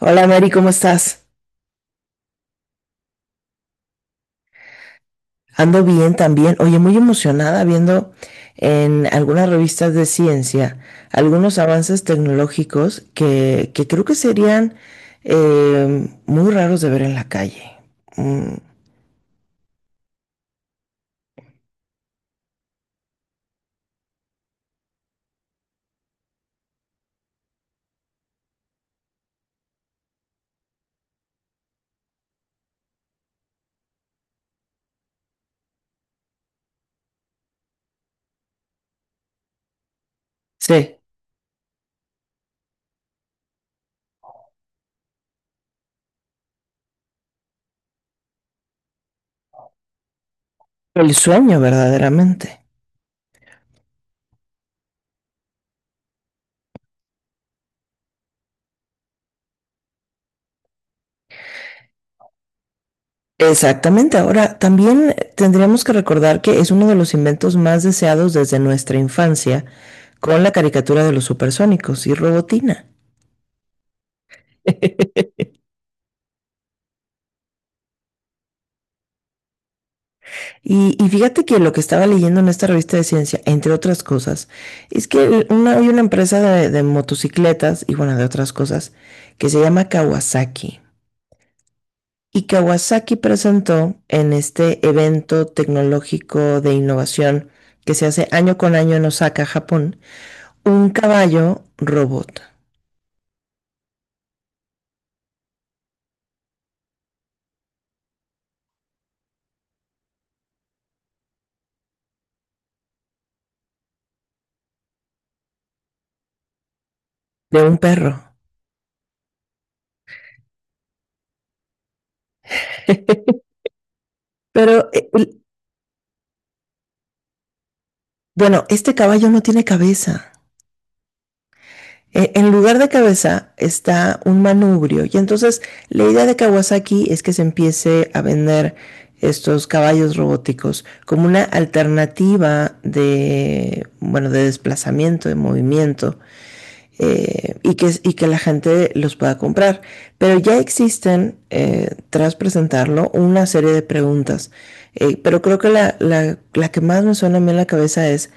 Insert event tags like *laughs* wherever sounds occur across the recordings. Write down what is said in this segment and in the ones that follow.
Hola Mary, ¿cómo estás? Ando bien también. Oye, muy emocionada viendo en algunas revistas de ciencia algunos avances tecnológicos que creo que serían muy raros de ver en la calle. Mm, sí, el sueño verdaderamente. Exactamente. Ahora, también tendríamos que recordar que es uno de los inventos más deseados desde nuestra infancia con la caricatura de los supersónicos y Robotina. *laughs* Y fíjate que lo que estaba leyendo en esta revista de ciencia, entre otras cosas, es que hay una empresa de motocicletas y bueno, de otras cosas, que se llama Kawasaki. Y Kawasaki presentó en este evento tecnológico de innovación que se hace año con año en Osaka, Japón, un caballo robot de un perro. *laughs* Pero, bueno, este caballo no tiene cabeza. En lugar de cabeza está un manubrio. Y entonces la idea de Kawasaki es que se empiece a vender estos caballos robóticos como una alternativa de, bueno, de desplazamiento, de movimiento y que la gente los pueda comprar. Pero ya existen, tras presentarlo, una serie de preguntas. Pero creo que la que más me suena a mí en la cabeza es,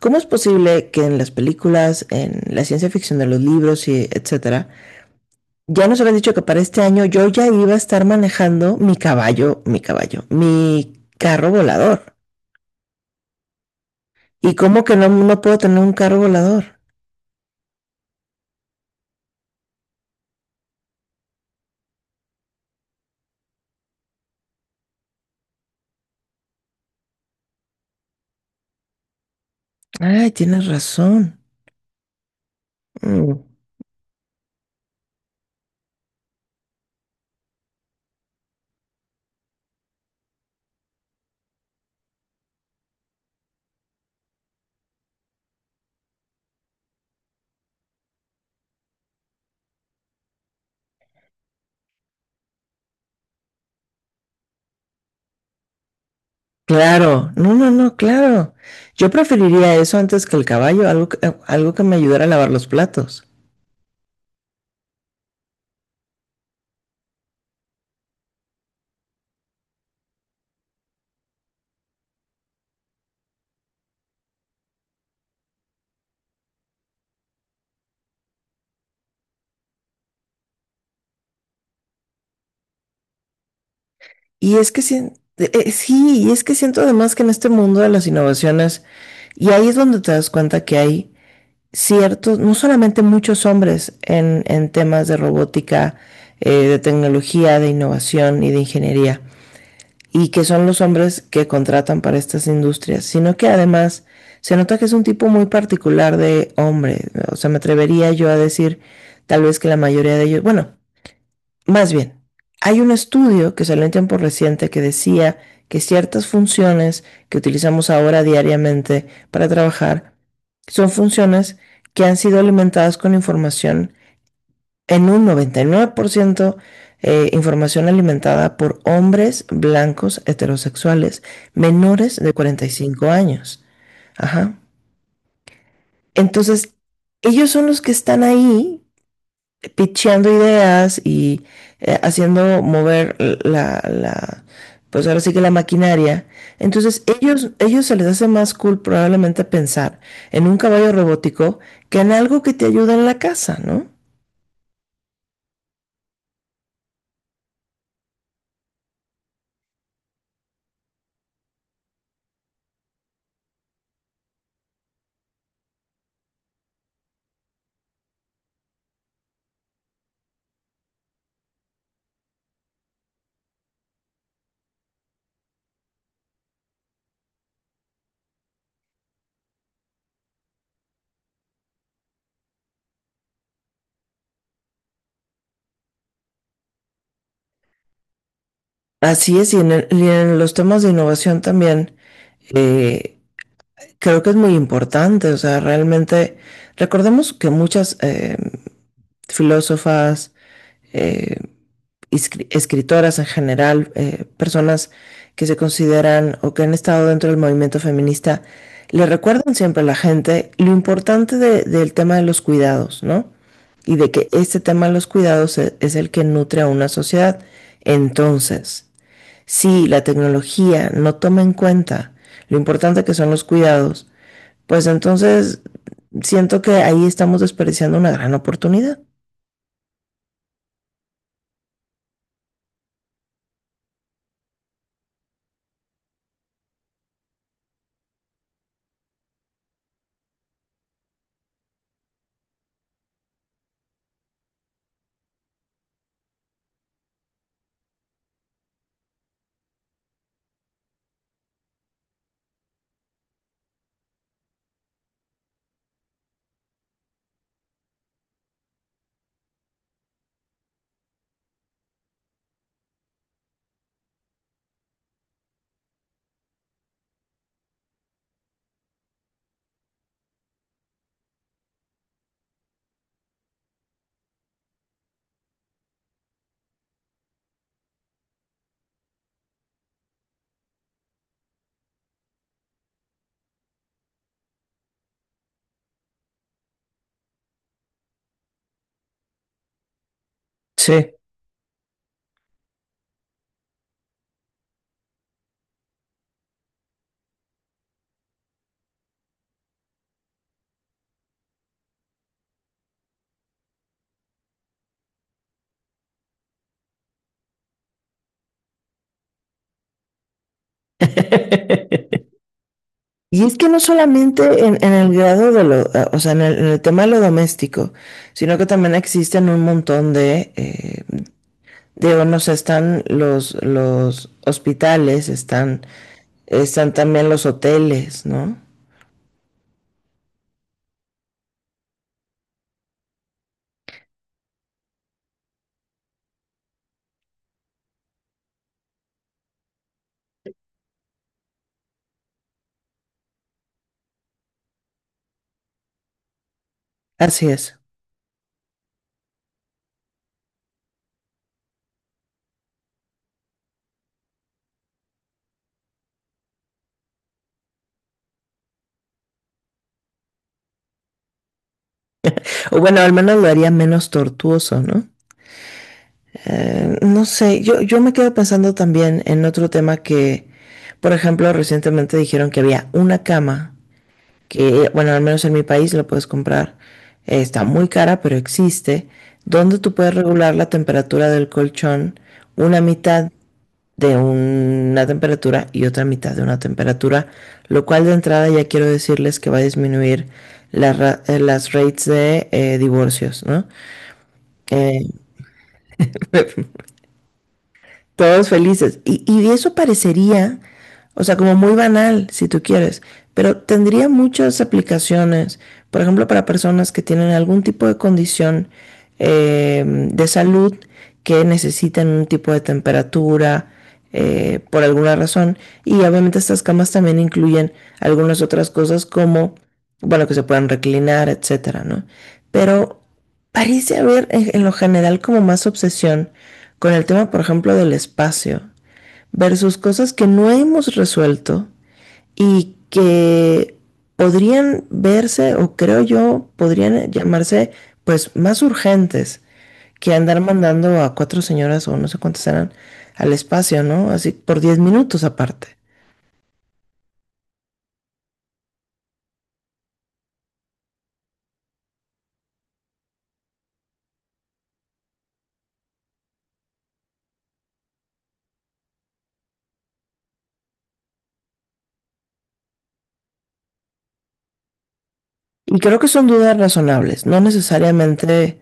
¿cómo es posible que en las películas, en la ciencia ficción de los libros y etcétera, ya nos habían dicho que para este año yo ya iba a estar manejando mi caballo, mi carro volador? ¿Y cómo que no puedo tener un carro volador? Ay, tienes razón. Mm. Claro, no, no, no, claro. Yo preferiría eso antes que el caballo, algo que me ayudara a lavar los platos. Y es que sí, y es que siento además que en este mundo de las innovaciones, y ahí es donde te das cuenta que hay ciertos, no solamente muchos hombres en temas de robótica, de tecnología, de innovación y de ingeniería. Y que son los hombres que contratan para estas industrias, sino que además se nota que es un tipo muy particular de hombre. O sea, me atrevería yo a decir tal vez que la mayoría de ellos, bueno, más bien, hay un estudio que salió en tiempo reciente que decía que ciertas funciones que utilizamos ahora diariamente para trabajar son funciones que han sido alimentadas con información en un 99% información alimentada por hombres blancos heterosexuales menores de 45 años. Ajá. Entonces, ellos son los que están ahí picheando ideas y haciendo mover la, la, pues ahora sí que la maquinaria. Entonces, ellos se les hace más cool probablemente pensar en un caballo robótico que en algo que te ayuda en la casa, ¿no? Así es, y en, y en los temas de innovación también eh, creo que es muy importante, o sea, realmente recordemos que muchas filósofas, eh, escritoras en general, personas que se consideran o que han estado dentro del movimiento feminista, le recuerdan siempre a la gente lo importante del tema de los cuidados, ¿no? Y de que este tema de los cuidados es el que nutre a una sociedad. Entonces, si la tecnología no toma en cuenta lo importante que son los cuidados, pues entonces siento que ahí estamos desperdiciando una gran oportunidad. Sí. Y es que no solamente en el grado de lo, o sea, en el, en el tema de lo doméstico, sino que también existen un montón de no sé, están los hospitales, están, están también los hoteles, ¿no? Así es. O bueno, al menos lo haría menos tortuoso, ¿no? No sé, yo me quedo pensando también en otro tema que, por ejemplo, recientemente dijeron que había una cama que, bueno, al menos en mi país la puedes comprar, está muy cara, pero existe, donde tú puedes regular la temperatura del colchón una mitad de una temperatura y otra mitad de una temperatura, lo cual de entrada ya quiero decirles que va a disminuir las rates de divorcios, ¿no? Eh, *laughs* Todos felices. Y eso parecería, o sea, como muy banal, si tú quieres, pero tendría muchas aplicaciones, por ejemplo, para personas que tienen algún tipo de condición eh, de salud que necesitan un tipo de temperatura por alguna razón. Y obviamente estas camas también incluyen algunas otras cosas como, bueno, que se puedan reclinar, etcétera, ¿no? Pero parece haber en lo general como más obsesión con el tema, por ejemplo, del espacio versus cosas que no hemos resuelto y que podrían verse, o creo yo, podrían llamarse pues más urgentes que andar mandando a cuatro señoras o no sé cuántas eran al espacio, ¿no? Así por 10 minutos aparte. Y creo que son dudas razonables. No necesariamente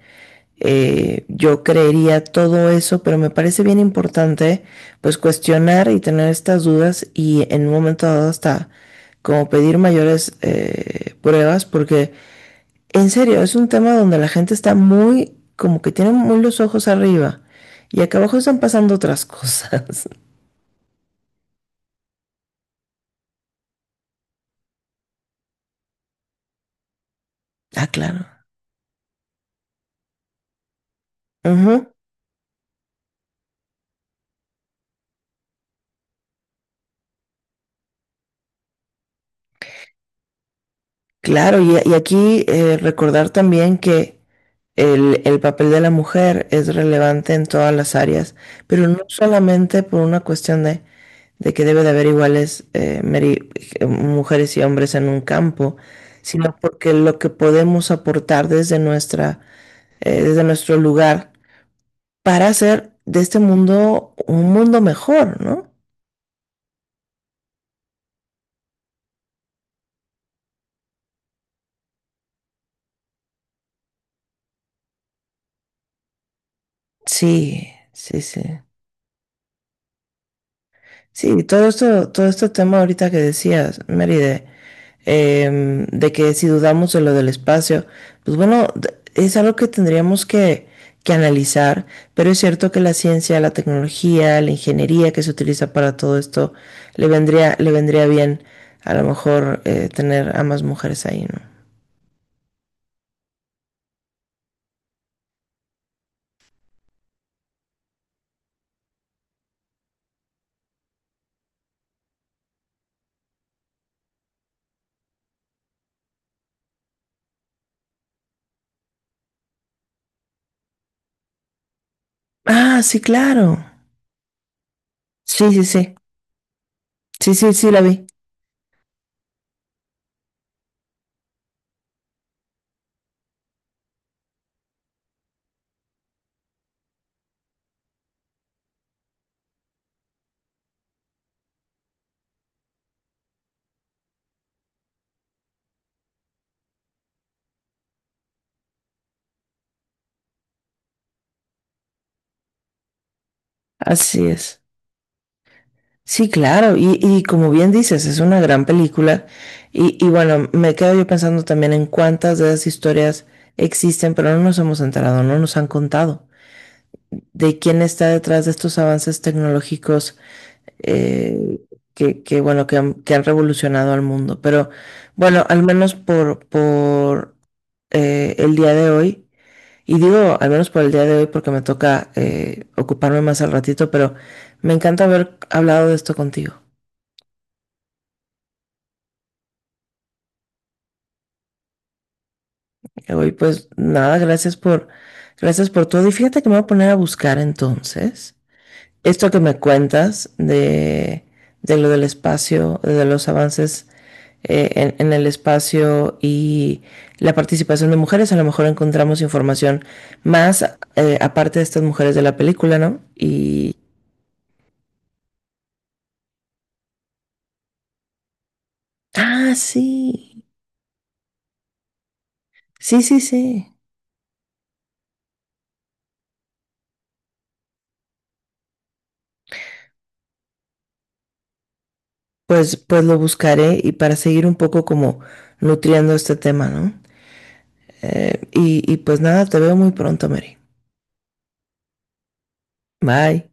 yo creería todo eso, pero me parece bien importante pues cuestionar y tener estas dudas y en un momento dado hasta como pedir mayores pruebas, porque en serio es un tema donde la gente está muy, como que tiene muy los ojos arriba y acá abajo están pasando otras cosas. *laughs* Ah, claro. Ujú. Claro, y aquí recordar también que el papel de la mujer es relevante en todas las áreas, pero no solamente por una cuestión de que debe de haber iguales mujeres y hombres en un campo, sino porque lo que podemos aportar desde nuestra, desde nuestro lugar para hacer de este mundo un mundo mejor, ¿no? Sí, sí, sí. Sí, todo esto, todo este tema ahorita que decías, Mary, de de que si dudamos de lo del espacio, pues bueno, es algo que tendríamos que analizar, pero es cierto que la ciencia, la tecnología, la ingeniería que se utiliza para todo esto, le vendría bien a lo mejor tener a más mujeres ahí, ¿no? Ah, sí, claro. Sí, sí, sí. Sí, sí, sí, la vi. Así es. Sí, claro, y como bien dices, es una gran película y bueno, me quedo yo pensando también en cuántas de esas historias existen, pero no nos hemos enterado, no nos han contado de quién está detrás de estos avances tecnológicos eh, que, bueno, que han revolucionado al mundo. Pero bueno, al menos por el día de hoy, y digo al menos por el día de hoy porque me toca ocuparme más al ratito, pero me encanta haber hablado de esto contigo. Uy, pues nada, gracias por todo. Y fíjate que me voy a poner a buscar entonces esto que me cuentas de lo del espacio, de los avances en el espacio y la participación de mujeres. A lo mejor encontramos información más aparte de estas mujeres de la película, ¿no? Y... Ah, sí. Sí, sí, sí. Pues, pues lo buscaré y para seguir un poco como nutriendo este tema, ¿no? Y pues nada, te veo muy pronto, Mary. Bye.